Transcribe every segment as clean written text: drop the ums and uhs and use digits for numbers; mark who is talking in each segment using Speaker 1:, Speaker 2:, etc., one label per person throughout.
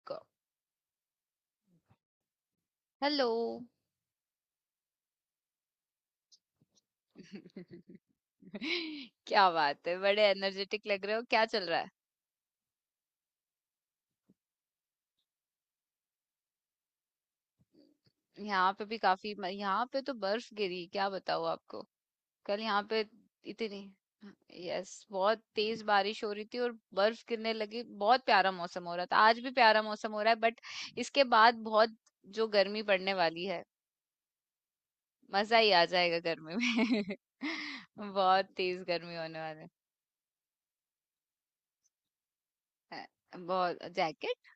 Speaker 1: आपको। हेलो। क्या बात है, बड़े एनर्जेटिक लग रहे हो, क्या चल रहा है। यहाँ पे भी काफी यहाँ पे तो बर्फ गिरी, क्या बताऊँ आपको। कल यहाँ पे इतनी, यस, बहुत तेज बारिश हो रही थी और बर्फ गिरने लगी। बहुत प्यारा मौसम हो रहा था, आज भी प्यारा मौसम हो रहा है, बट इसके बाद बहुत जो गर्मी पड़ने वाली है, मजा ही आ जाएगा गर्मी में। बहुत तेज गर्मी होने वाली है। अ, बहुत जैकेट,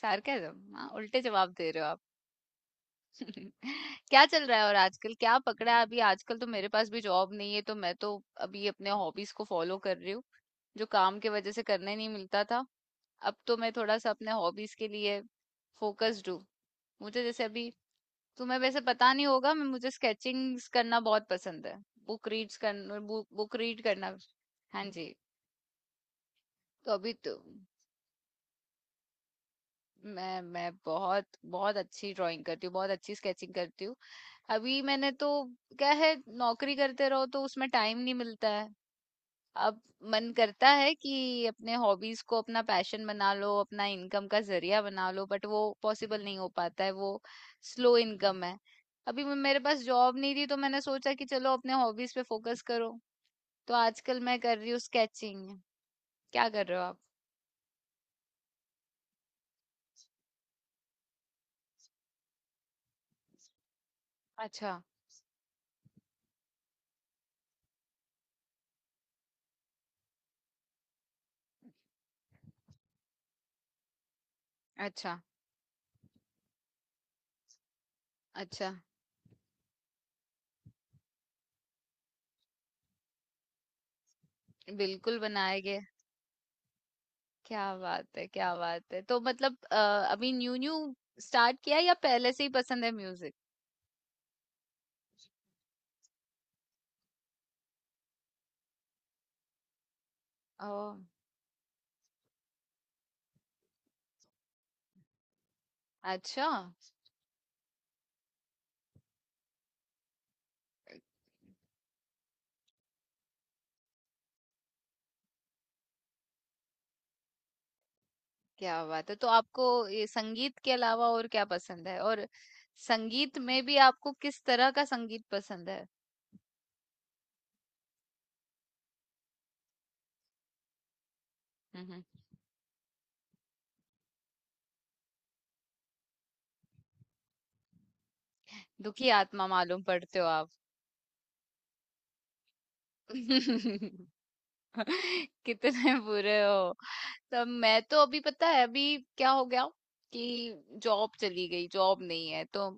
Speaker 1: सार्केज्म, हाँ उल्टे जवाब दे रहे हो आप। क्या चल रहा है और आजकल क्या पकड़ा है। अभी आजकल तो मेरे पास भी जॉब नहीं है, तो मैं तो अभी अपने हॉबीज को फॉलो कर रही हूँ, जो काम की वजह से करने नहीं मिलता था। अब तो मैं थोड़ा सा अपने हॉबीज के लिए फोकस्ड हूँ। मुझे जैसे अभी, तुम्हें वैसे पता नहीं होगा, मैं मुझे स्केचिंग्स करना बहुत पसंद है, बुक रीड्स करना, बुक रीड करना। हाँ जी। तो अभी तो मैं बहुत बहुत अच्छी ड्राइंग करती हूँ, बहुत अच्छी स्केचिंग करती हूँ। अभी मैंने तो, क्या है, नौकरी करते रहो तो उसमें टाइम नहीं मिलता है। अब मन करता है कि अपने हॉबीज को अपना पैशन बना लो, अपना इनकम का जरिया बना लो, बट वो पॉसिबल नहीं हो पाता है। वो स्लो इनकम है। अभी मेरे पास जॉब नहीं थी, तो मैंने सोचा कि चलो अपने हॉबीज पे फोकस करो। तो आजकल मैं कर रही हूँ स्केचिंग। क्या कर रहे हो आप। अच्छा। अच्छा। अच्छा। बिल्कुल बनाएंगे। क्या बात है, क्या बात है। तो मतलब अभी न्यू न्यू स्टार्ट किया या पहले से ही पसंद है म्यूजिक। ओह। अच्छा। क्या बात है, तो आपको ये संगीत के अलावा और क्या पसंद है, और संगीत में भी आपको किस तरह का संगीत पसंद है। हम्म। दुखी आत्मा मालूम पड़ते हो आप। कितने बुरे हो। तो मैं तो अभी, पता है, अभी क्या हो गया कि जॉब चली गई, जॉब नहीं है। तो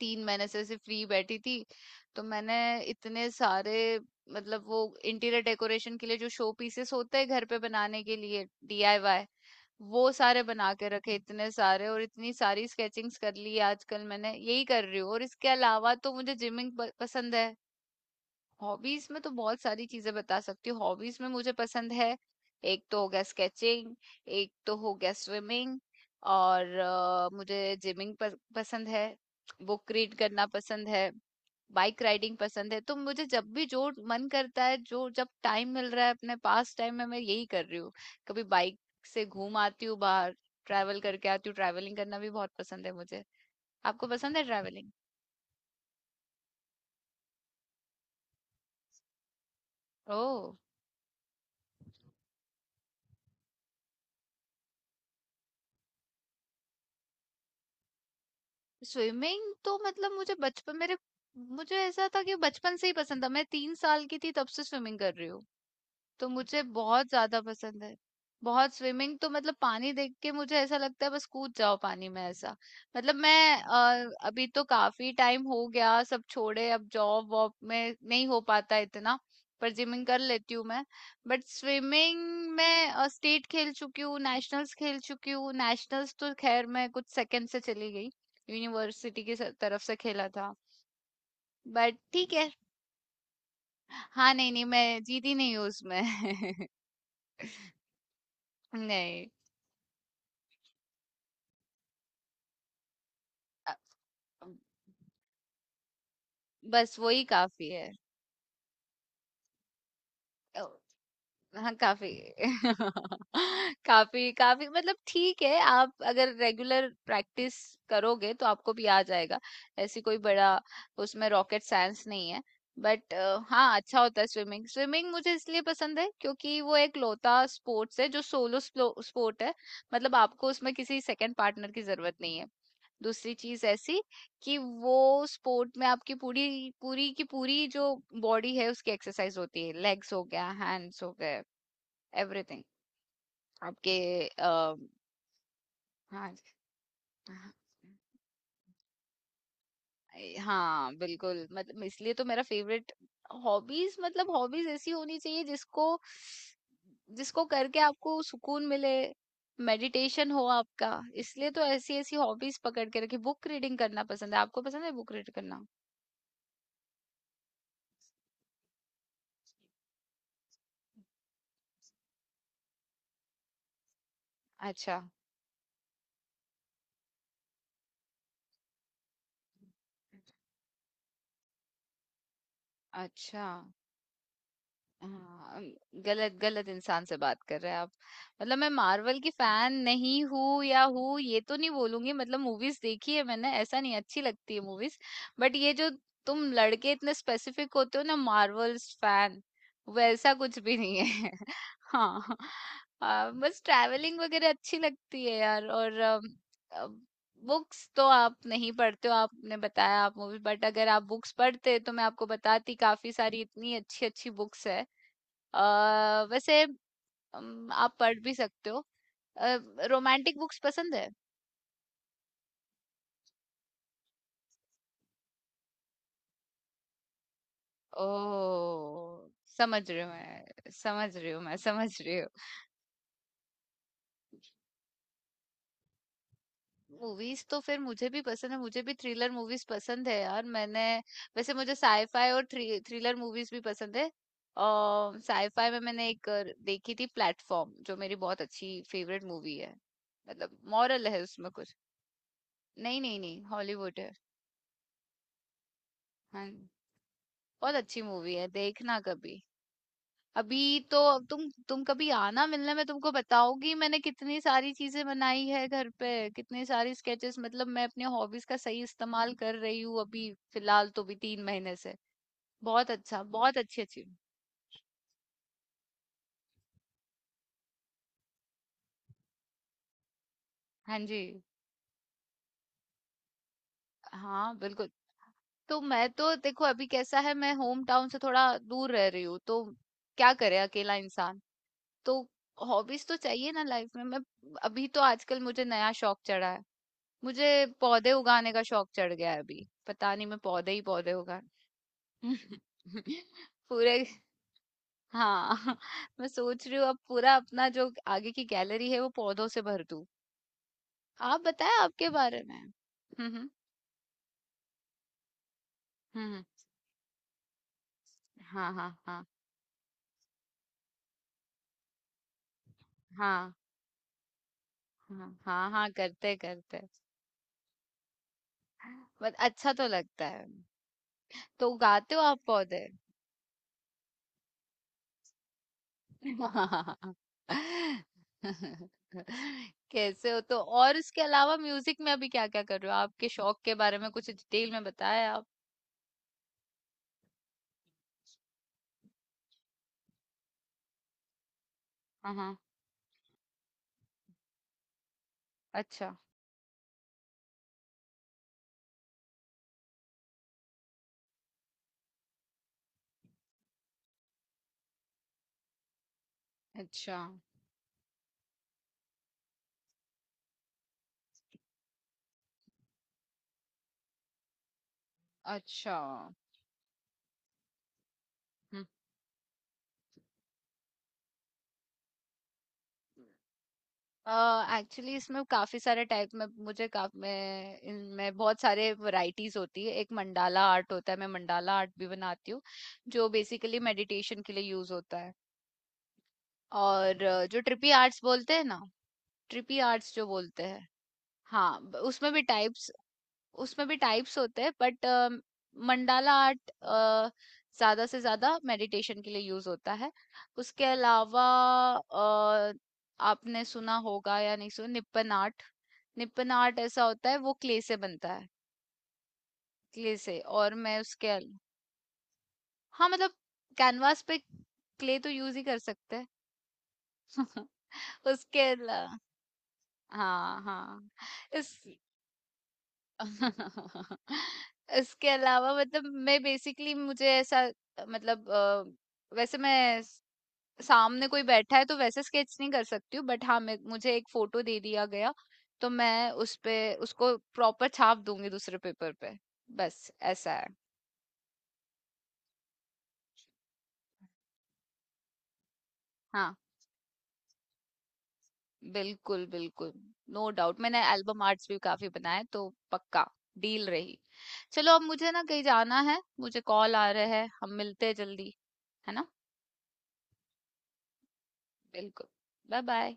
Speaker 1: तीन महीने से ऐसे फ्री बैठी थी। तो मैंने इतने सारे, मतलब वो, इंटीरियर डेकोरेशन के लिए जो शो पीसेस होते हैं घर पे बनाने के लिए, डीआईवाई, वो सारे बना के रखे इतने सारे, और इतनी सारी स्केचिंग्स कर ली। आजकल मैंने यही कर रही हूँ, और इसके अलावा तो मुझे जिमिंग पसंद है। हॉबीज में तो बहुत सारी चीजें बता सकती हूँ। हॉबीज में मुझे पसंद है, एक तो हो गया स्केचिंग, एक तो हो गया स्विमिंग, और मुझे जिमिंग पसंद है, बुक रीड करना पसंद है, बाइक राइडिंग पसंद है। तो मुझे जब भी, जो मन करता है, जो जब टाइम मिल रहा है अपने पास, टाइम में मैं यही कर रही हूँ। कभी बाइक से घूम आती हूँ बाहर, ट्रैवल करके आती हूँ। ट्रैवलिंग करना भी बहुत पसंद है मुझे। आपको पसंद है ट्रैवलिंग। ओ। स्विमिंग तो मतलब मुझे बचपन, मेरे, मुझे ऐसा था कि बचपन से ही पसंद था। मैं 3 साल की थी तब से स्विमिंग कर रही हूँ। तो मुझे बहुत ज्यादा पसंद है बहुत, स्विमिंग तो मतलब पानी देख के मुझे ऐसा लगता है बस कूद जाओ पानी में, ऐसा। मतलब मैं अभी तो काफी टाइम हो गया सब छोड़े, अब जॉब वॉब में नहीं हो पाता इतना, पर जिमिंग कर लेती हूँ मैं। बट स्विमिंग में स्टेट खेल चुकी हूँ, नेशनल्स खेल चुकी हूँ। नेशनल्स तो खैर मैं कुछ सेकंड से चली गई। यूनिवर्सिटी की तरफ से खेला था। बट ठीक है। हाँ नहीं नहीं, मैं जीती नहीं हूँ उसमें। नहीं, बस वही काफी है। अ, हाँ काफी। काफी काफी, मतलब ठीक है, आप अगर रेगुलर प्रैक्टिस करोगे तो आपको भी आ जाएगा। ऐसी कोई बड़ा, उसमें रॉकेट साइंस नहीं है। बट हाँ, अच्छा होता है स्विमिंग। स्विमिंग मुझे इसलिए पसंद है क्योंकि वो एक लौता स्पोर्ट्स है जो सोलो स्पोर्ट है। मतलब आपको उसमें किसी सेकंड पार्टनर की जरूरत नहीं है। दूसरी चीज ऐसी कि वो स्पोर्ट में आपकी पूरी, पूरी की पूरी जो बॉडी है उसकी एक्सरसाइज होती है, लेग्स हो गया, हैंड्स हो गए, एवरीथिंग आपके। आ, हाँ। हाँ बिल्कुल, मतलब इसलिए तो मेरा फेवरेट हॉबीज। मतलब हॉबीज ऐसी होनी चाहिए जिसको, जिसको करके आपको सुकून मिले, मेडिटेशन हो आपका। इसलिए तो ऐसी ऐसी हॉबीज पकड़ के रखी। बुक रीडिंग करना पसंद है, आपको पसंद है बुक रीड करना। अच्छा। अच्छा। हाँ, गलत गलत इंसान से बात कर रहे हैं आप। मतलब मैं मार्वल की फैन नहीं हूँ या हूँ, ये तो नहीं बोलूंगी। मतलब मूवीज देखी है मैंने, ऐसा नहीं, अच्छी लगती है मूवीज, बट ये जो तुम लड़के इतने स्पेसिफिक होते हो ना मार्वल्स फैन, वैसा कुछ भी नहीं है। हाँ। बस ट्रैवलिंग वगैरह अच्छी लगती है यार, और बुक्स तो आप नहीं पढ़ते हो, आपने बताया आप मूवी, बट अगर आप बुक्स पढ़ते तो मैं आपको बताती, काफी सारी इतनी अच्छी अच्छी बुक्स है। वैसे आप पढ़ भी सकते हो। रोमांटिक बुक्स पसंद है। ओह, समझ रही हूँ मैं, समझ रही हूँ मैं, समझ रही हूँ। मूवीज तो फिर मुझे भी पसंद है, मुझे भी थ्रिलर मूवीज पसंद है यार। मैंने वैसे मुझे साईफाई और थ्रिलर मूवीज भी पसंद है। और साईफाई में मैंने एक देखी थी प्लेटफॉर्म, जो मेरी बहुत अच्छी फेवरेट मूवी है। मतलब मॉरल है उसमें कुछ। नहीं नहीं नहीं, हॉलीवुड है। हाँ, बहुत अच्छी मूवी है, देखना कभी। अभी तो अब तुम कभी आना मिलने में, तुमको बताओगी मैंने कितनी सारी चीजें बनाई है घर पे, कितनी सारी स्केचेस। मतलब मैं अपने हॉबीज का सही इस्तेमाल कर रही हूँ अभी, फिलहाल तो, भी तीन महीने से। बहुत अच्छा, बहुत अच्छी अच्छी। हाँ जी। हाँ बिल्कुल। तो मैं तो देखो अभी कैसा है, मैं होम टाउन से थोड़ा दूर रह रही हूँ, तो क्या करे अकेला इंसान। तो हॉबीज तो चाहिए ना लाइफ में। मैं अभी तो आजकल मुझे नया शौक चढ़ा है, मुझे पौधे उगाने का शौक चढ़ गया है अभी। पता नहीं मैं पौधे ही पौधे उगा, पूरे, हाँ। मैं सोच रही हूँ अब पूरा अपना जो आगे की गैलरी है वो पौधों से भर दूँ। आप बताएं आपके बारे में। हम्म। हम्म। हाँ हाँ हाँ। हाँ हाँ हाँ हाँ। करते करते। बट अच्छा तो लगता है। तो उगाते हो आप पौधे। कैसे हो। तो और इसके अलावा म्यूजिक में अभी क्या क्या कर रहे हो, आपके शौक के बारे में कुछ डिटेल में बताएं आप। हाँ हाँ। अच्छा। अच्छा। अच्छा। हम्म। एक्चुअली इसमें काफी सारे टाइप में मुझे मैं इनमें बहुत सारे वैरायटीज होती है, एक मंडाला आर्ट होता है, मैं मंडाला आर्ट भी बनाती हूँ, जो बेसिकली मेडिटेशन के लिए यूज होता है। और जो ट्रिपी आर्ट्स बोलते हैं ना, ट्रिपी आर्ट्स जो बोलते हैं, हाँ, उसमें भी टाइप्स, उसमें भी टाइप्स होते हैं। बट मंडाला आर्ट ज्यादा से ज्यादा मेडिटेशन के लिए यूज होता है। उसके अलावा अ, आपने सुना होगा या नहीं सुना, निपन आर्ट। निपन आर्ट ऐसा होता है, वो क्ले से बनता है, क्ले से। और मैं उसके हाँ मतलब कैनवास पे क्ले तो यूज ही कर सकते हैं। उसके हाँ हाँ। इस, इसके अलावा मतलब मैं बेसिकली, मुझे ऐसा मतलब वैसे मैं सामने कोई बैठा है तो वैसे स्केच नहीं कर सकती हूँ। बट हाँ मैं, मुझे एक फोटो दे दिया गया तो मैं उस पे, उसको प्रॉपर छाप दूंगी दूसरे पेपर पे। बस ऐसा है। हाँ बिल्कुल बिल्कुल, नो डाउट। मैंने एल्बम आर्ट्स भी काफी बनाए तो पक्का डील रही। चलो अब मुझे ना कहीं जाना है, मुझे कॉल आ रहा है। हम मिलते हैं जल्दी, है ना। बिल्कुल। Bye bye.